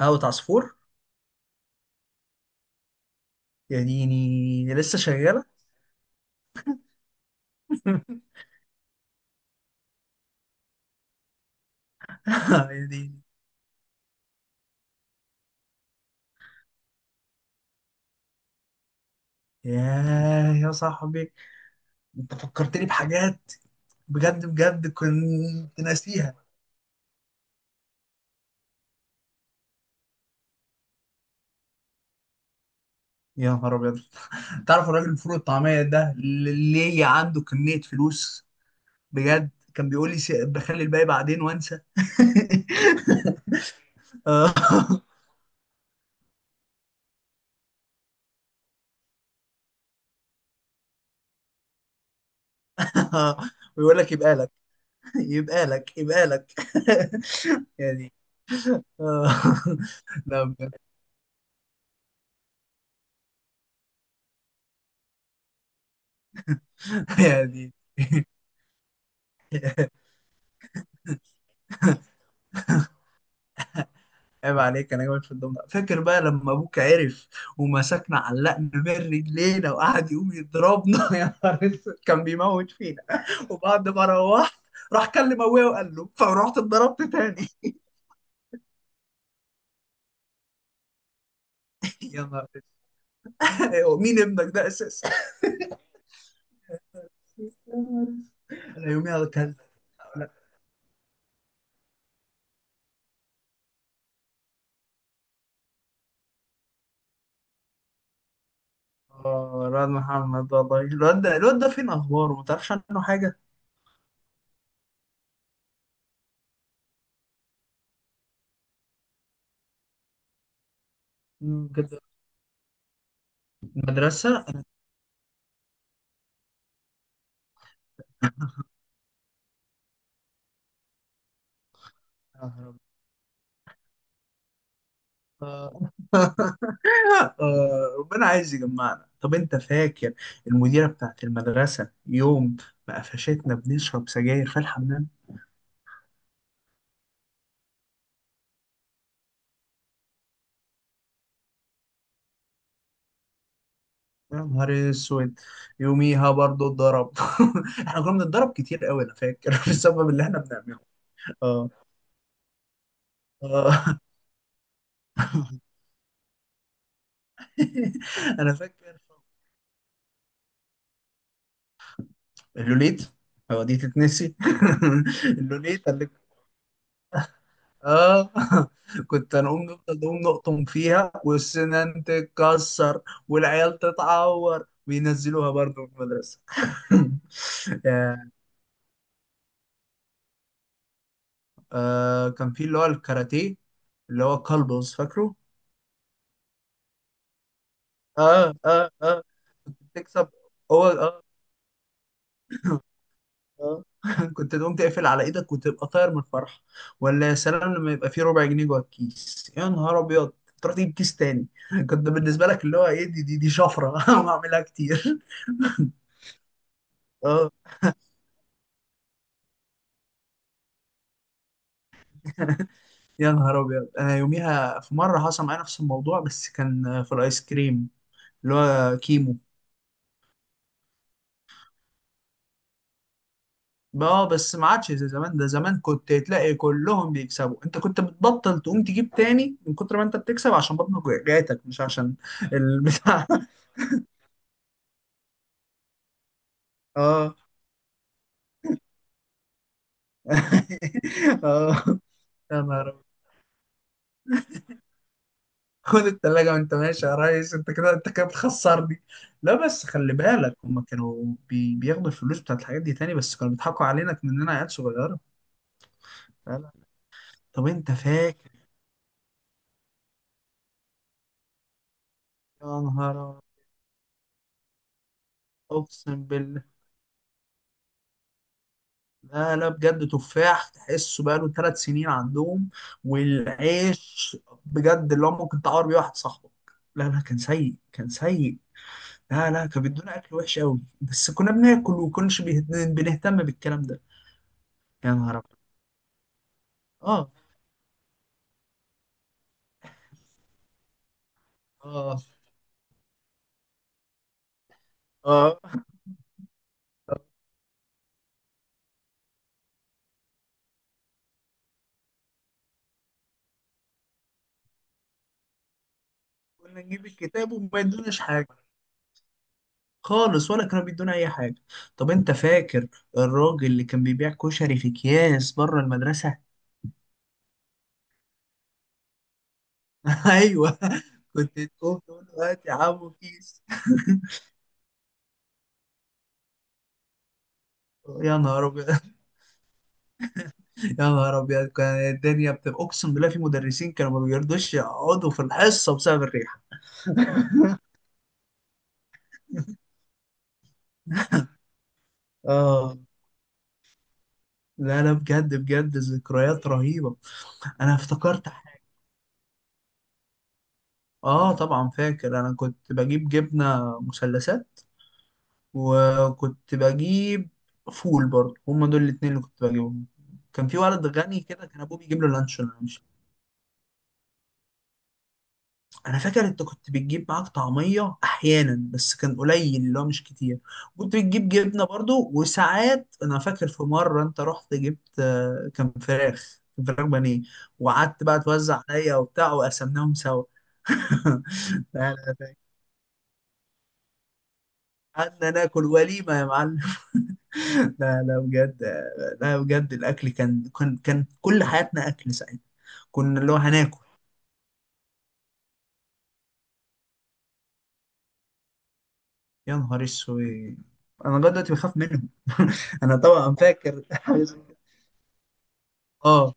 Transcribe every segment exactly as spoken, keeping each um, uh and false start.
قهوة عصفور. يا ديني، لسه شغالة. يا ديني. ياه يا صاحبي، انت فكرتني بحاجات. بجد بجد كنت ناسيها. يا نهار ابيض، تعرف الراجل الفول الطعمية ده اللي عنده كمية فلوس؟ بجد كان بيقول لي س- بخلي الباقي بعدين وانسى. آه. ويقول لك يبقى لك يبقى لك يبقى لك. يعني. آه. لا بجد، يعني عيب عليك، انا جامد في الدم ده. فاكر بقى لما ابوك عرف ومسكنا، علقنا من رجلينا وقعد يقوم يضربنا؟ يا نهار اسود، كان بيموت فينا. وبعد ما روحت، راح كلم ابويا وقال له، فرحت اتضربت تاني. يا نهار اسود. أيوة، مين ابنك ده اساسا؟ يا نهار اسود. انا يوميها كان اه الواد محمد. والله، الواد ده، الواد ده فين اخباره؟ ما تعرفش عنه حاجه. مم، كده. المدرسه. يا نهار أبيض. آه، ربنا عايز يجمعنا. طب انت فاكر المديرة بتاعت المدرسة يوم ما قفشتنا بنشرب سجاير في الحمام؟ يا نهار اسود، يوميها برضو اتضرب. احنا كنا بنتضرب كتير قوي، انا فاكر، بسبب اللي احنا بنعمله. اه. اه. انا فاكر اللوليت. هو دي تتنسي؟ اللوليت. اه. كنت هنقوم نفضل نقوم نقطم فيها والسنان تتكسر والعيال تتعور، وينزلوها برضه من المدرسة. يعني. آه كان في اللي هو الكاراتيه، اللي هو كلبز، فاكره؟ اه اه اه. تكسب. هو اه. اه. كنت تقوم تقفل على ايدك وتبقى طاير من الفرحة. ولا يا سلام لما يبقى فيه ربع جنيه جوه الكيس. يا نهار ابيض، تروح تجيب كيس تاني. كنت بالنسبة لك اللي هو ايه، دي دي دي شفرة. وهعملها كتير. اه. يا نهار ابيض، انا يوميها في مره حصل معايا نفس الموضوع، بس كان في الايس كريم اللي هو كيمو. اه، بس ما عادش زي زمان. ده زمان كنت تلاقي كلهم بيكسبوا. انت كنت بتبطل تقوم تجيب تاني من كتر ما انت بتكسب، عشان بطنك وجعتك مش عشان البتاع. اه. اه. يا نهار أبيض. خد التلاجة وانت ماشي يا ريس، انت كده انت كده بتخسرني. لا بس خلي بالك، هما كانوا بي... بياخدوا الفلوس بتاعت الحاجات دي تاني، بس كانوا بيضحكوا علينا مننا عيال صغيرة. طب انت فاكر؟ يا نهار أبيض، اقسم بالله. لا لا بجد، تفاح تحسه بقاله ثلاث سنين عندهم. والعيش بجد اللي هو ممكن تعور بيه واحد صاحبك. لا لا، كان سيء كان سيء. لا لا، كان بيدونا اكل وحش قوي، بس كنا بناكل وكناش بيه- بنهتم بالكلام ده. يا نهار ابيض. اه اه اه. كنا نجيب الكتاب وما يدوناش حاجه خالص، ولا كانوا بيدونا اي حاجه. طب انت فاكر الراجل اللي كان بيبيع كشري في اكياس بره المدرسه؟ ايوه، كنت تقوم طول الوقت يا عمو كيس. يا نهار ابيض. يا نهار ابيض، كان الدنيا بتبقى اقسم بالله في مدرسين كانوا ما بيرضوش يقعدوا في الحصه بسبب الريحه. اه. لا لا بجد بجد، ذكريات رهيبه. انا افتكرت حاجه. اه طبعا فاكر، انا كنت بجيب جبنه مثلثات، وكنت بجيب فول برضه. هما دول الاتنين اللي كنت بجيبهم. كان في ولد غني كده، كان ابوه بيجيب له لانشون. انا فاكر انت كنت بتجيب معاك طعميه احيانا، بس كان قليل اللي هو مش كتير. كنت بتجيب جبنه برضو. وساعات، انا فاكر في مره انت رحت جبت آه، كان فراخ كان فراخ بانيه. وقعدت بقى توزع عليا وبتاع، وقسمناهم سوا. لا لا، ده قعدنا ناكل وليمه يا معلم. لا لا بجد. لا بجد، الاكل كان كان كان كل حياتنا اكل ساعتها. كنا اللي هو هناكل. يا نهار اسود، انا لغايه دلوقتي بخاف منهم. انا طبعا فاكر. اه.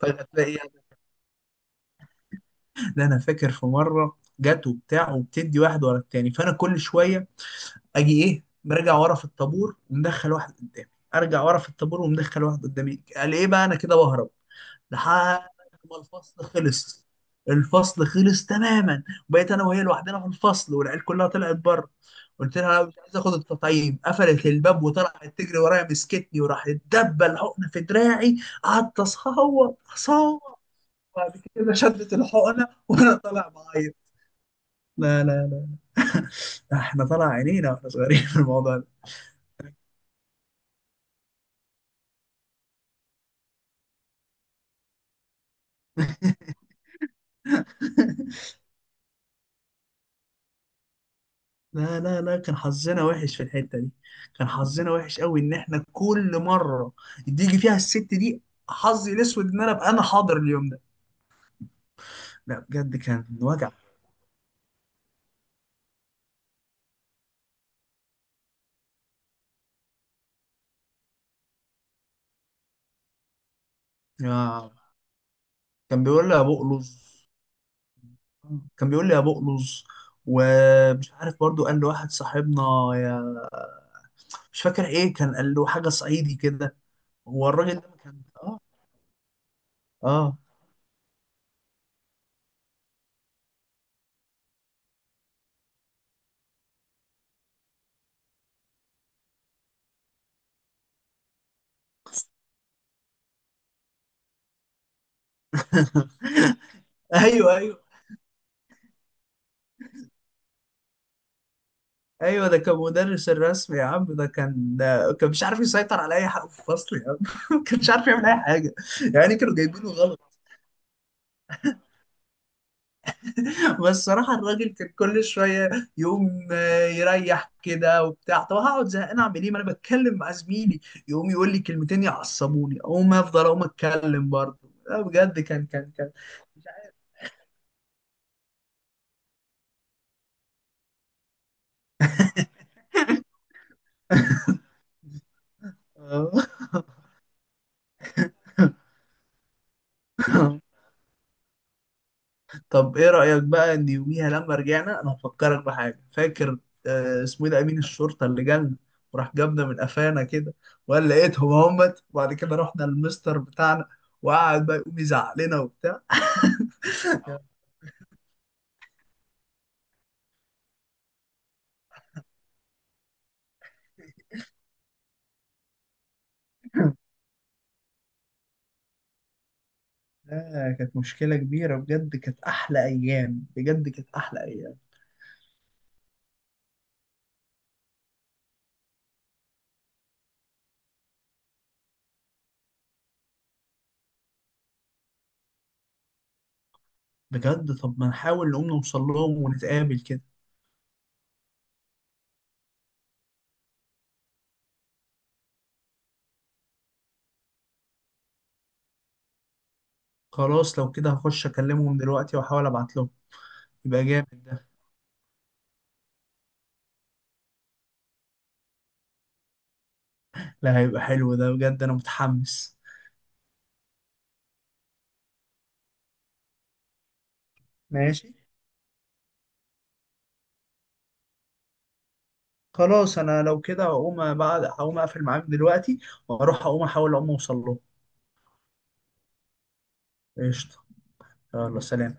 فتلاقي يعني، ده انا فاكر في مره جت وبتاع، وبتدي واحد ورا التاني، فانا كل شويه اجي ايه، مرجع ورا في الطابور ومدخل واحد قدامي، ارجع ورا في الطابور ومدخل واحد قدامي. قال ايه بقى، انا كده بهرب لحد ما الفصل خلص. الفصل خلص تماما، وبقيت انا وهي لوحدنا في الفصل، والعيال كلها طلعت بره. قلت لها انا مش عايز اخد التطعيم. قفلت الباب وطلعت تجري ورايا، مسكتني وراحت دبه الحقنه في دراعي. قعدت اصوت اصوت. بعد كده شدت الحقنه وانا طالع بعيط. لا لا لا، احنا طالع عينينا واحنا صغيرين في الموضوع ده. لا لا لا، كان حظنا وحش في الحته دي. كان حظنا وحش قوي ان احنا كل مره تيجي فيها الست دي، حظي الاسود ان انا ابقى انا حاضر اليوم ده. لا بجد، كان وجع. يا كان بيقول لي يا بقلظ. كان بيقول لي يا بقلظ. ومش عارف برضو قال لواحد صاحبنا يا مش فاكر ايه، كان قال له حاجه صعيدي كده. هو الراجل ده كان اه. اه. ايوه ايوه. ايوه ده كان مدرس الرسم يا عم. ده كان كان مش عارف يسيطر على اي حاجه في الفصل يا عم. كان مش عارف يعمل اي حاجه. يعني كانوا جايبينه غلط. بس صراحه الراجل كان كل شويه يقوم آه، يريح كده وبتاع. طب هقعد زهقان اعمل ايه، ما انا بتكلم مع زميلي. يقوم يقول لي كلمتين يعصبوني، اقوم افضل اقوم اتكلم برضه. لا بجد، كان كان كان. آه. طب ايه رأيك بقى ان يوميها لما رجعنا، انا هفكرك بحاجة، فاكر آه، اسمه ايه ده، امين الشرطة اللي جالنا، وراح جابنا من قفانا كده وقال لقيتهم همت؟ وبعد كده رحنا للمستر بتاعنا، وقعد بقى يقوم يزعق لنا وبتاع. آه، كانت مشكلة كبيرة بجد. كانت أحلى أيام، بجد كانت أحلى أيام. بجد طب ما نحاول نقوم نوصل لهم ونتقابل كده. خلاص لو كده هخش أكلمهم دلوقتي وأحاول أبعت لهم. يبقى جامد ده. لا هيبقى حلو ده بجد، أنا متحمس. ماشي، خلاص انا لو كده هقوم، بعد هقوم اقفل معاك دلوقتي، واروح اقوم احاول اقوم اوصل له. قشطه. يلا سلام.